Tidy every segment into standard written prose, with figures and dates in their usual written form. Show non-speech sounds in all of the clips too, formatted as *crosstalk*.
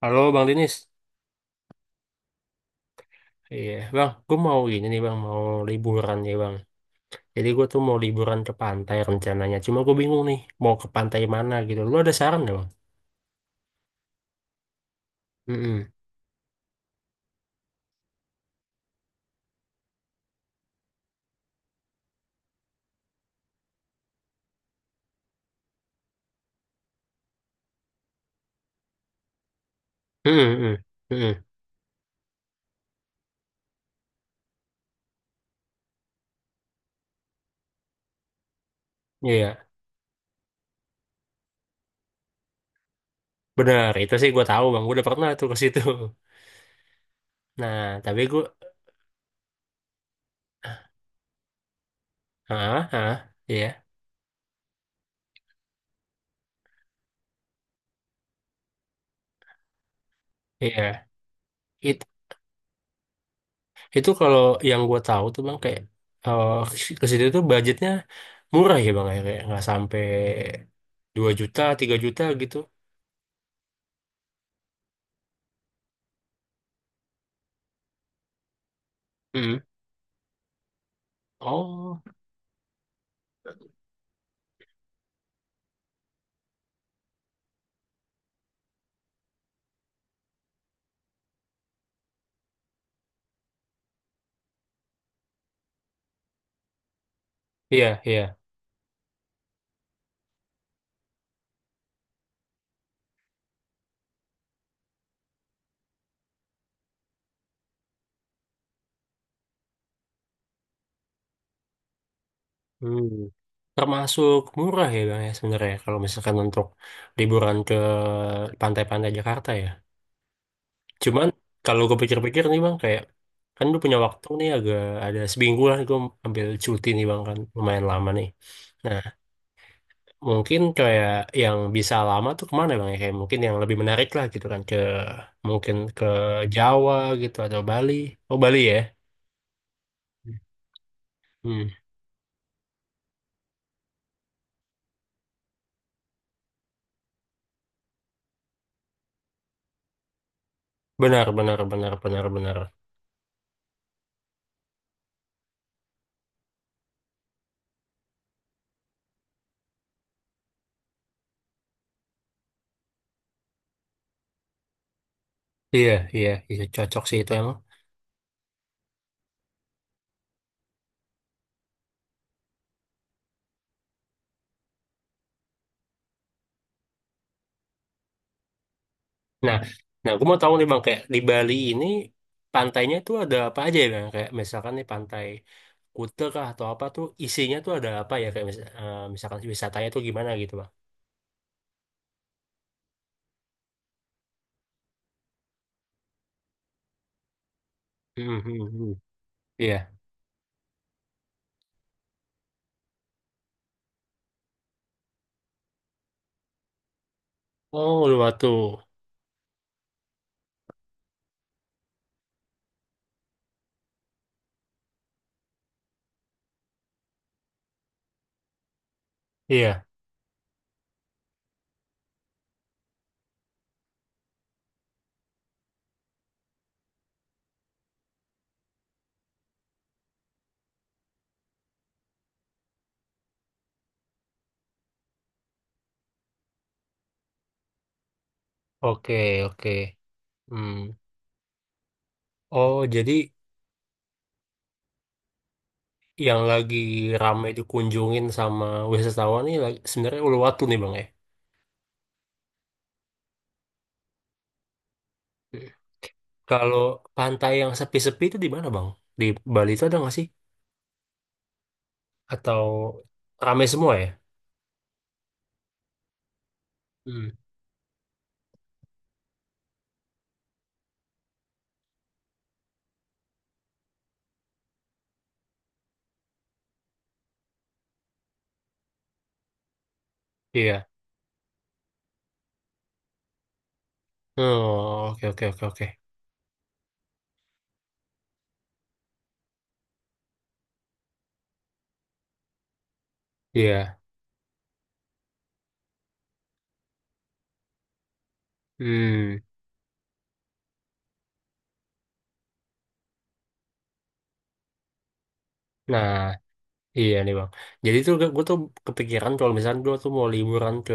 Halo Bang Dinis, iya Bang, gue mau gini nih Bang, mau liburan ya Bang. Jadi gue tuh mau liburan ke pantai rencananya. Cuma gue bingung nih, mau ke pantai mana gitu. Lu ada saran nggak Bang? Mm-mm. Mm-mm. Mm-mm. Iya, benar. Itu sih gue tahu Bang, gue udah pernah tuh ke situ. *laughs* Nah, tapi gue, ah, ah, iya, iya. It, itu kalau yang gue tahu tuh Bang kayak eh, ke situ tuh budgetnya murah ya Bang, ya, kayak nggak sampai 2 juta, 3 juta gitu. Mm. Oh. Iya, iya. Hmm. Termasuk murah ya Bang ya sebenarnya kalau misalkan untuk liburan ke pantai-pantai Jakarta ya. Cuman kalau gue pikir-pikir nih Bang, kayak kan gue punya waktu nih agak ada seminggu lah, gue ambil cuti nih Bang, kan lumayan lama nih. Nah mungkin kayak yang bisa lama tuh kemana Bang ya, kayak mungkin yang lebih menarik lah gitu kan, ke mungkin ke Jawa gitu atau Bali. Oh Bali ya. Hmm. Benar, benar, benar, benar, benar. Iya, iya, iya cocok sih itu emang. Nah, nah aku mau tahu nih Bang, kayak di Bali ini pantainya tuh ada apa aja ya Bang? Kayak misalkan nih pantai Kuta kah atau apa tuh isinya tuh ada apa ya? Kayak misalkan wisatanya tuh gimana gitu Bang? Hmm, hmm, hmm. Iya. Oh, Uluwatu. Iya. Oke, oke. Hmm. Oh, jadi yang lagi rame dikunjungin sama wisatawan nih sebenarnya Uluwatu nih Bang ya? Hmm. Kalau pantai yang sepi-sepi itu di mana Bang? Di Bali itu ada nggak sih? Atau rame semua ya? Hmm, iya. Oh, oke, oke, oke, oke. Iya. Hmm. Nah, iya nih Bang. Jadi tuh gue tuh kepikiran kalau misalnya gue tuh mau liburan ke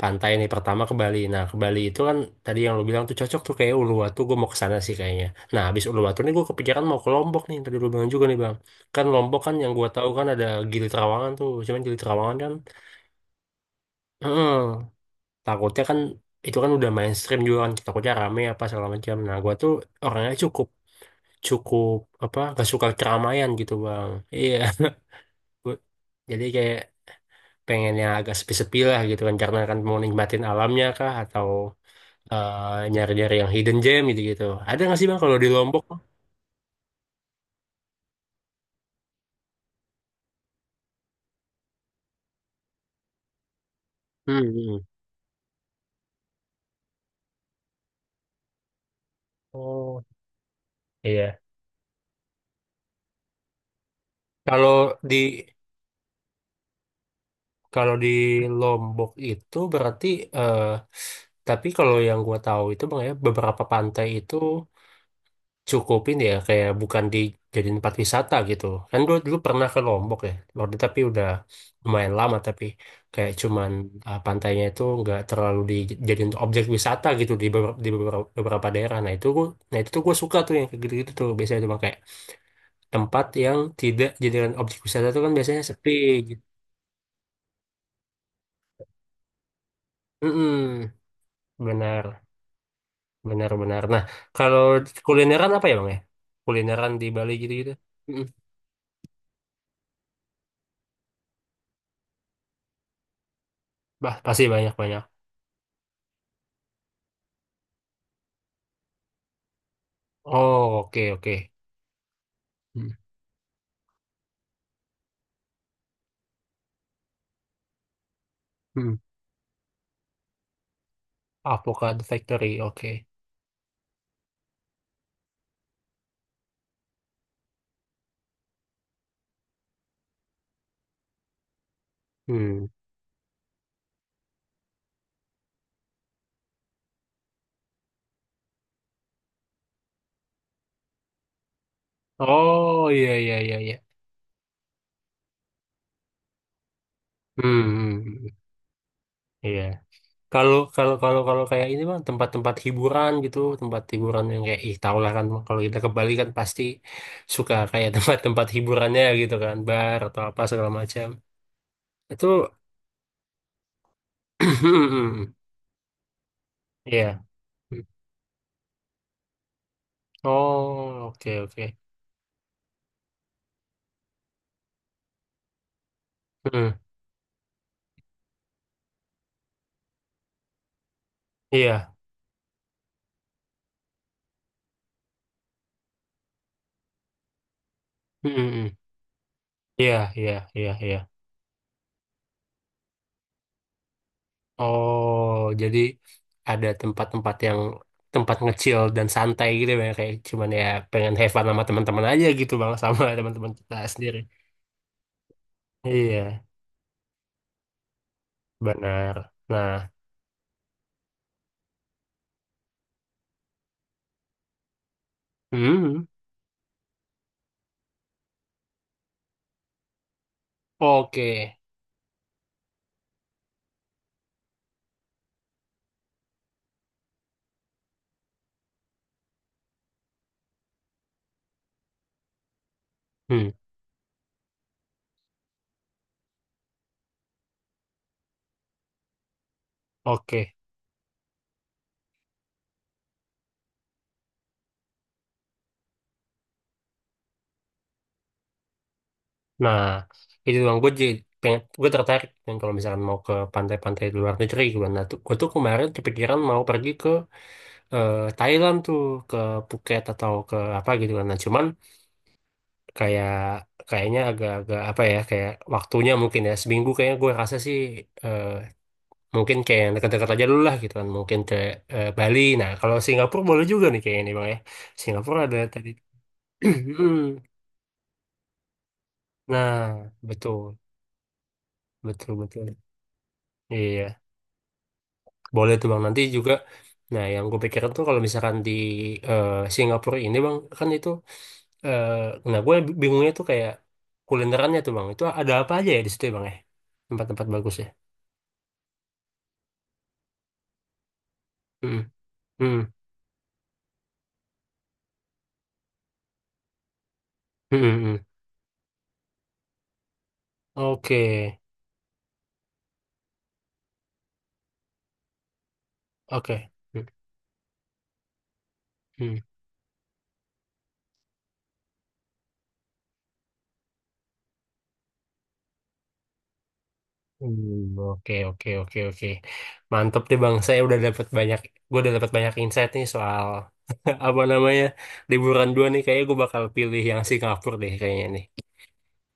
pantai nih, pertama ke Bali. Nah, ke Bali itu kan tadi yang lo bilang tuh cocok tuh kayak Uluwatu, gue mau ke sana sih kayaknya. Nah, habis Uluwatu nih gue kepikiran mau ke Lombok nih, tadi lo bilang juga nih Bang. Kan Lombok kan yang gue tahu kan ada Gili Trawangan tuh. Cuman Gili Trawangan kan, heeh, takutnya kan itu kan udah mainstream juga kan, takutnya rame apa segala macam. Nah, gue tuh orangnya cukup cukup apa gak suka keramaian gitu bang, iya. *laughs* Gua- jadi kayak pengen yang agak sepi-sepi lah gitu kan, karena kan mau nikmatin alamnya kah atau nyari-nyari yang hidden gem gitu gitu, ada nggak sih bang kalau di Lombok? Hmm. Hmm. Oh iya, kalau di kalau di Lombok itu berarti eh tapi kalau yang gua tahu itu bang ya, beberapa pantai itu cukupin ya, kayak bukan dijadiin tempat wisata gitu, kan dulu dulu pernah ke Lombok ya, Lombok tapi udah lumayan lama, tapi kayak cuman pantainya itu nggak terlalu dijadiin objek wisata gitu di beberapa, beberapa daerah. Nah itu gua, nah itu tuh gue suka tuh yang kayak gitu-gitu tuh, biasanya cuma kayak tempat yang tidak jadikan objek wisata tuh kan biasanya sepi gitu. Mm-mm. Benar, benar, benar. Nah, kalau kulineran apa ya bang ya, kulineran di Bali gitu-gitu. Mm-mm. Bah pasti banyak, banyak. Oh, oke, oke. Hmm. Hmm. Avocado Factory, oke. Hmm. Oh iya, iya, iya, iya. Hmm. Hmm, hmm. Iya. Kalau kalau kalau kalau kayak ini bang, tempat-tempat hiburan gitu, tempat hiburan yang kayak, ih tau lah kan Bang, kalau kita ke Bali kan pasti suka kayak *laughs* tempat-tempat hiburannya gitu kan, bar atau apa segala macam. Itu *clears throat* iya. Oh, oke oke. Hmm. Iya. Hmm. Hmm, hmm. Iya, iya, iya, iya. Oh, jadi ada tempat-tempat yang, tempat ngecil dan santai gitu ya, kayak cuman ya pengen have fun sama teman-teman aja gitu bang, sama *laughs* teman-teman kita sendiri. Iya, benar. Nah, hmm, oke, hmm, oke. Nah, itu bang gue jadi pengen, gue tertarik, dan kalau misalkan mau ke pantai-pantai di luar negeri, gue nah tuh gue tuh kemarin kepikiran mau pergi ke Thailand tuh, ke Phuket atau ke apa gitu kan, nah cuman kayak kayaknya agak-agak apa ya, kayak waktunya mungkin ya seminggu kayaknya gue rasa sih, eh, mungkin kayak yang dekat-dekat aja dulu lah gitu kan, mungkin ke Bali, nah kalau Singapura boleh juga nih kayaknya nih bang ya. Singapura ada tadi *clears throat* hmm. Nah betul, betul, betul, iya boleh tuh bang nanti juga. Nah yang gue pikirin tuh, kalau misalkan di eh, Singapura ini bang kan itu, eh, nah gue bingungnya tuh kayak kulinerannya tuh bang, itu ada apa aja ya di situ ya bang ya, tempat-tempat bagus ya. Hmm, hmm, hmm. Hmm. Oke, oke. Hmm, hmm. Hmm, oke, oke, oke, oke. Mantep deh Bang. Saya udah dapat banyak, gue udah dapat banyak insight nih soal *laughs* apa namanya liburan dua nih. Kayaknya gue bakal pilih yang Singapura deh, kayaknya nih.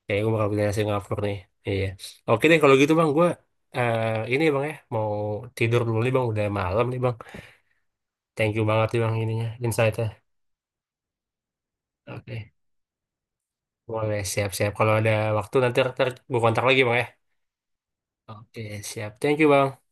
Kayaknya gue bakal pilih yang Singapura nih. Iya. Oke deh, kalau gitu Bang, gue eh ini ya, Bang ya mau tidur dulu nih Bang. Udah malam nih Bang. Thank you banget nih Bang ininya, insightnya. Oke, boleh siap-siap. Kalau ada waktu nanti, gue kontak lagi Bang ya. Oke, siap. Thank you, Bang.